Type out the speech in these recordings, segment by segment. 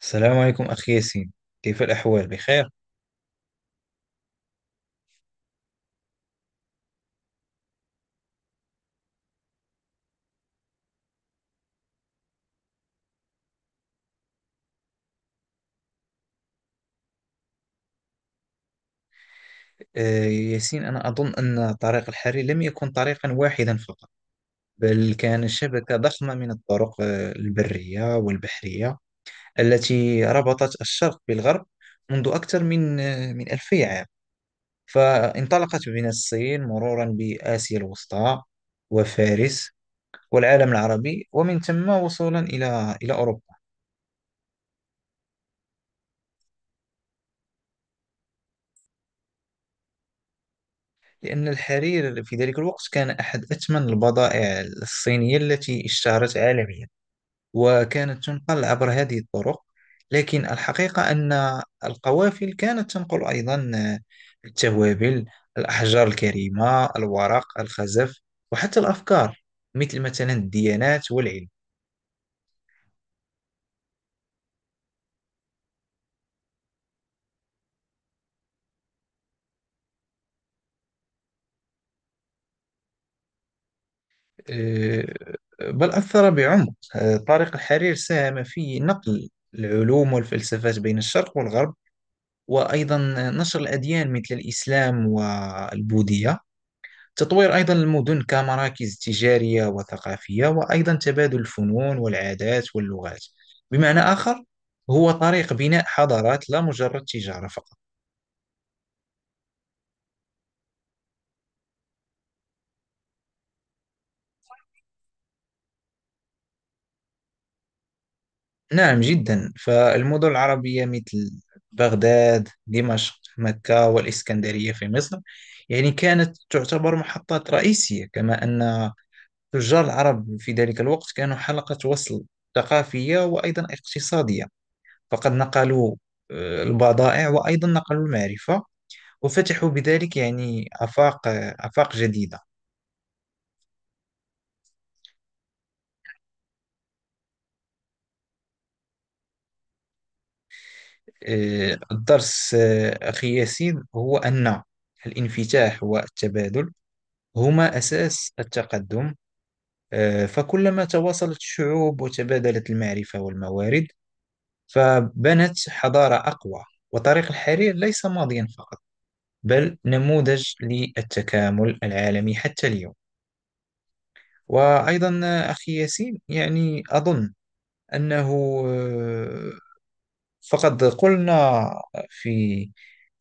السلام عليكم أخي ياسين. كيف الأحوال؟ بخير؟ ياسين، أنا أظن أن طريق الحرير لم يكن طريقا واحدا فقط، بل كان شبكة ضخمة من الطرق البرية والبحرية التي ربطت الشرق بالغرب منذ أكثر من من 2000 عام. فانطلقت من الصين مرورا بآسيا الوسطى وفارس والعالم العربي، ومن ثم وصولا إلى أوروبا. لأن الحرير في ذلك الوقت كان أحد أثمن البضائع الصينية التي اشتهرت عالميا، وكانت تنقل عبر هذه الطرق. لكن الحقيقة أن القوافل كانت تنقل أيضا التوابل، الأحجار الكريمة، الورق، الخزف، وحتى الأفكار، مثل مثلا الديانات والعلم. أه، بل أثر بعمق. طريق الحرير ساهم في نقل العلوم والفلسفات بين الشرق والغرب، وأيضا نشر الأديان مثل الإسلام والبوذية، تطوير أيضا المدن كمراكز تجارية وثقافية، وأيضا تبادل الفنون والعادات واللغات. بمعنى آخر، هو طريق بناء حضارات، لا مجرد تجارة فقط. نعم جدا، فالمدن العربية مثل بغداد، دمشق، مكة، والإسكندرية في مصر، يعني كانت تعتبر محطات رئيسية. كما أن تجار العرب في ذلك الوقت كانوا حلقة وصل ثقافية وأيضا اقتصادية، فقد نقلوا البضائع وأيضا نقلوا المعرفة، وفتحوا بذلك يعني آفاق آفاق جديدة. الدرس أخي ياسين هو أن الانفتاح والتبادل هما أساس التقدم. فكلما تواصلت الشعوب وتبادلت المعرفة والموارد، فبنت حضارة أقوى. وطريق الحرير ليس ماضيا فقط، بل نموذج للتكامل العالمي حتى اليوم. وأيضا أخي ياسين يعني أظن أنه آه، فقد قلنا في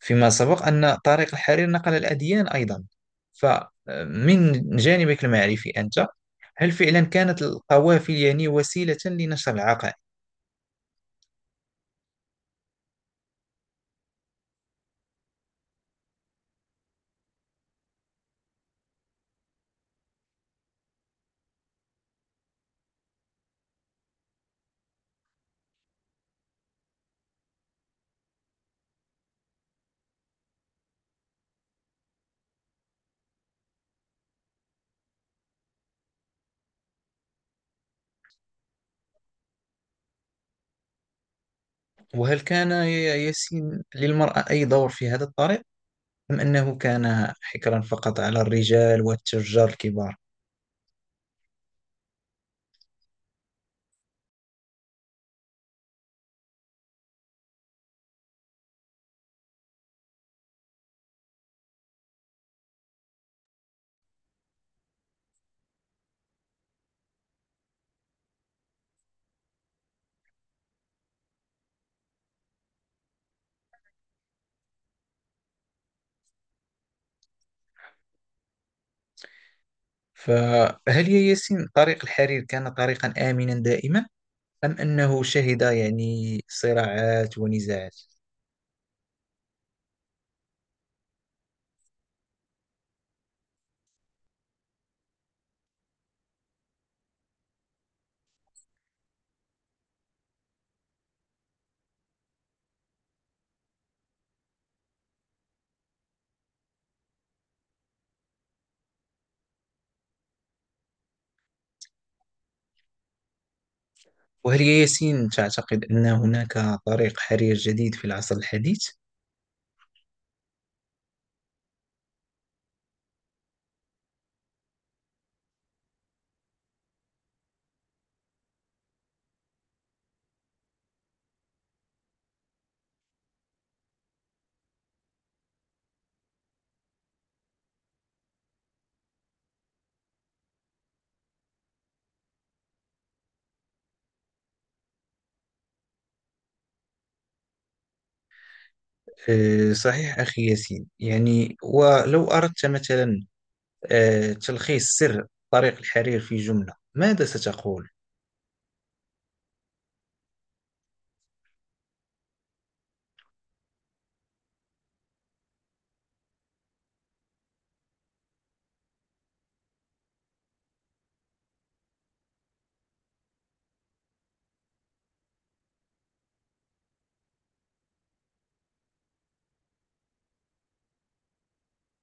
فيما سبق أن طريق الحرير نقل الأديان أيضا، فمن جانبك المعرفي أنت، هل فعلا كانت القوافل يعني وسيلة لنشر العقائد؟ وهل كان يا ياسين للمرأة أي دور في هذا الطريق، أم أنه كان حكرا فقط على الرجال والتجار الكبار؟ فهل يا ياسين طريق الحرير كان طريقا آمنا دائما، أم أنه شهد يعني صراعات ونزاعات؟ وهل يا ياسين تعتقد أن هناك طريق حرير جديد في العصر الحديث؟ صحيح أخي ياسين، يعني ولو أردت مثلا تلخيص سر طريق الحرير في جملة، ماذا ستقول؟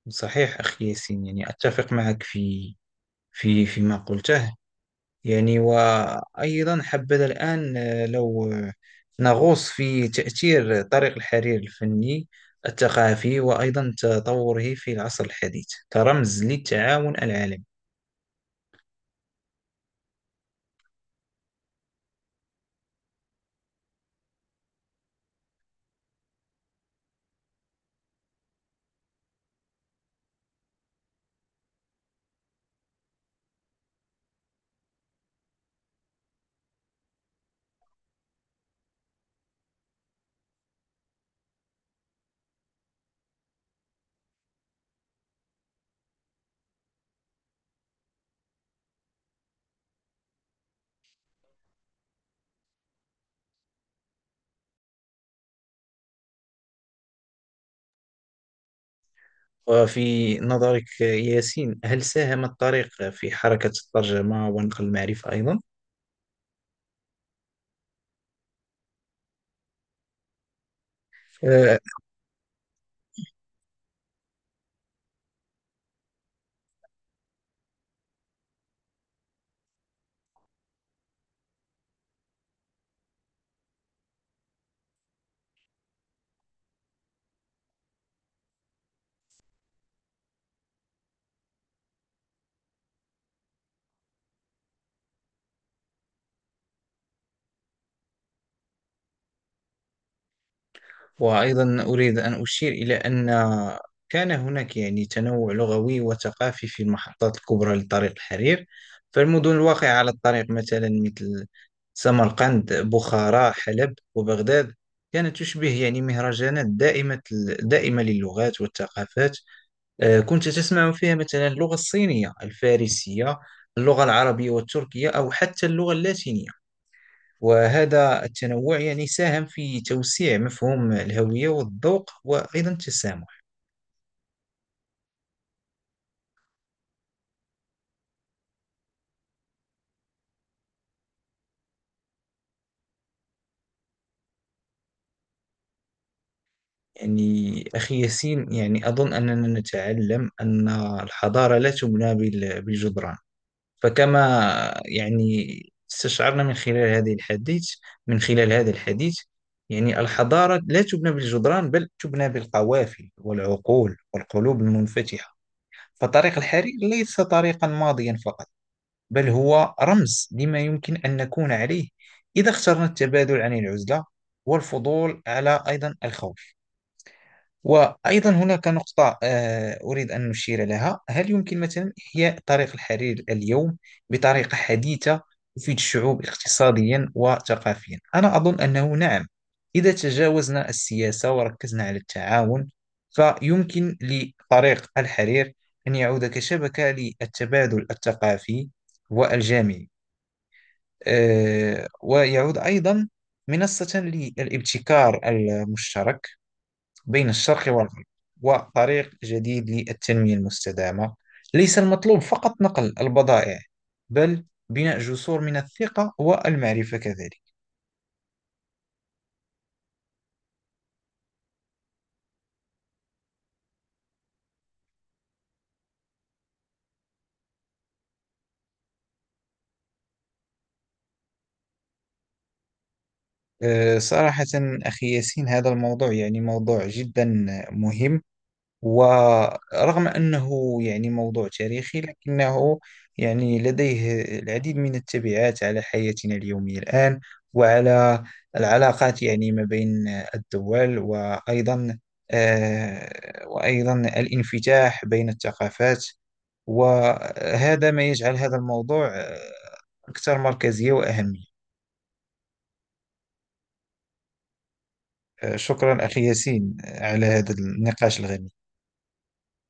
صحيح أخي ياسين، يعني أتفق معك في فيما قلته. يعني وأيضا حبذا الآن آه، لو آه، نغوص في تأثير طريق الحرير الفني، الثقافي، وأيضا تطوره في العصر الحديث كرمز للتعاون العالمي. وفي نظرك ياسين، هل ساهم الطريق في حركة الترجمة ونقل المعرفة أيضا؟ آه، وأيضا أريد أن أشير إلى أن كان هناك يعني تنوع لغوي وثقافي في المحطات الكبرى لطريق الحرير. فالمدن الواقعة على الطريق مثلا مثل سمرقند، بخارى، حلب، وبغداد كانت تشبه يعني مهرجانات دائمة للغات والثقافات. كنت تسمع فيها مثلا اللغة الصينية، الفارسية، اللغة العربية والتركية، أو حتى اللغة اللاتينية. وهذا التنوع يعني ساهم في توسيع مفهوم الهوية والذوق وأيضا التسامح. يعني أخي ياسين يعني أظن أننا نتعلم أن الحضارة لا تبنى بالجدران. فكما يعني استشعرنا من خلال هذا الحديث، يعني الحضارة لا تبنى بالجدران، بل تبنى بالقوافل والعقول والقلوب المنفتحة. فطريق الحرير ليس طريقا ماضيا فقط، بل هو رمز لما يمكن أن نكون عليه، إذا اخترنا التبادل عن العزلة، والفضول على أيضا الخوف. وأيضا هناك نقطة أريد أن نشير لها. هل يمكن مثلا إحياء طريق الحرير اليوم بطريقة حديثة تفيد الشعوب اقتصاديا وثقافيا؟ أنا أظن أنه نعم، إذا تجاوزنا السياسة وركزنا على التعاون، فيمكن لطريق الحرير أن يعود كشبكة للتبادل الثقافي والجامعي. ويعود أيضا منصة للابتكار المشترك بين الشرق والغرب، وطريق جديد للتنمية المستدامة. ليس المطلوب فقط نقل البضائع، بل بناء جسور من الثقة والمعرفة كذلك. صراحة أخي ياسين، هذا الموضوع يعني موضوع جدا مهم، ورغم أنه يعني موضوع تاريخي، لكنه يعني لديه العديد من التبعات على حياتنا اليومية الآن، وعلى العلاقات يعني ما بين الدول، وأيضا وأيضا الانفتاح بين الثقافات، وهذا ما يجعل هذا الموضوع أكثر مركزية وأهمية. شكرا أخي ياسين على هذا النقاش الغني.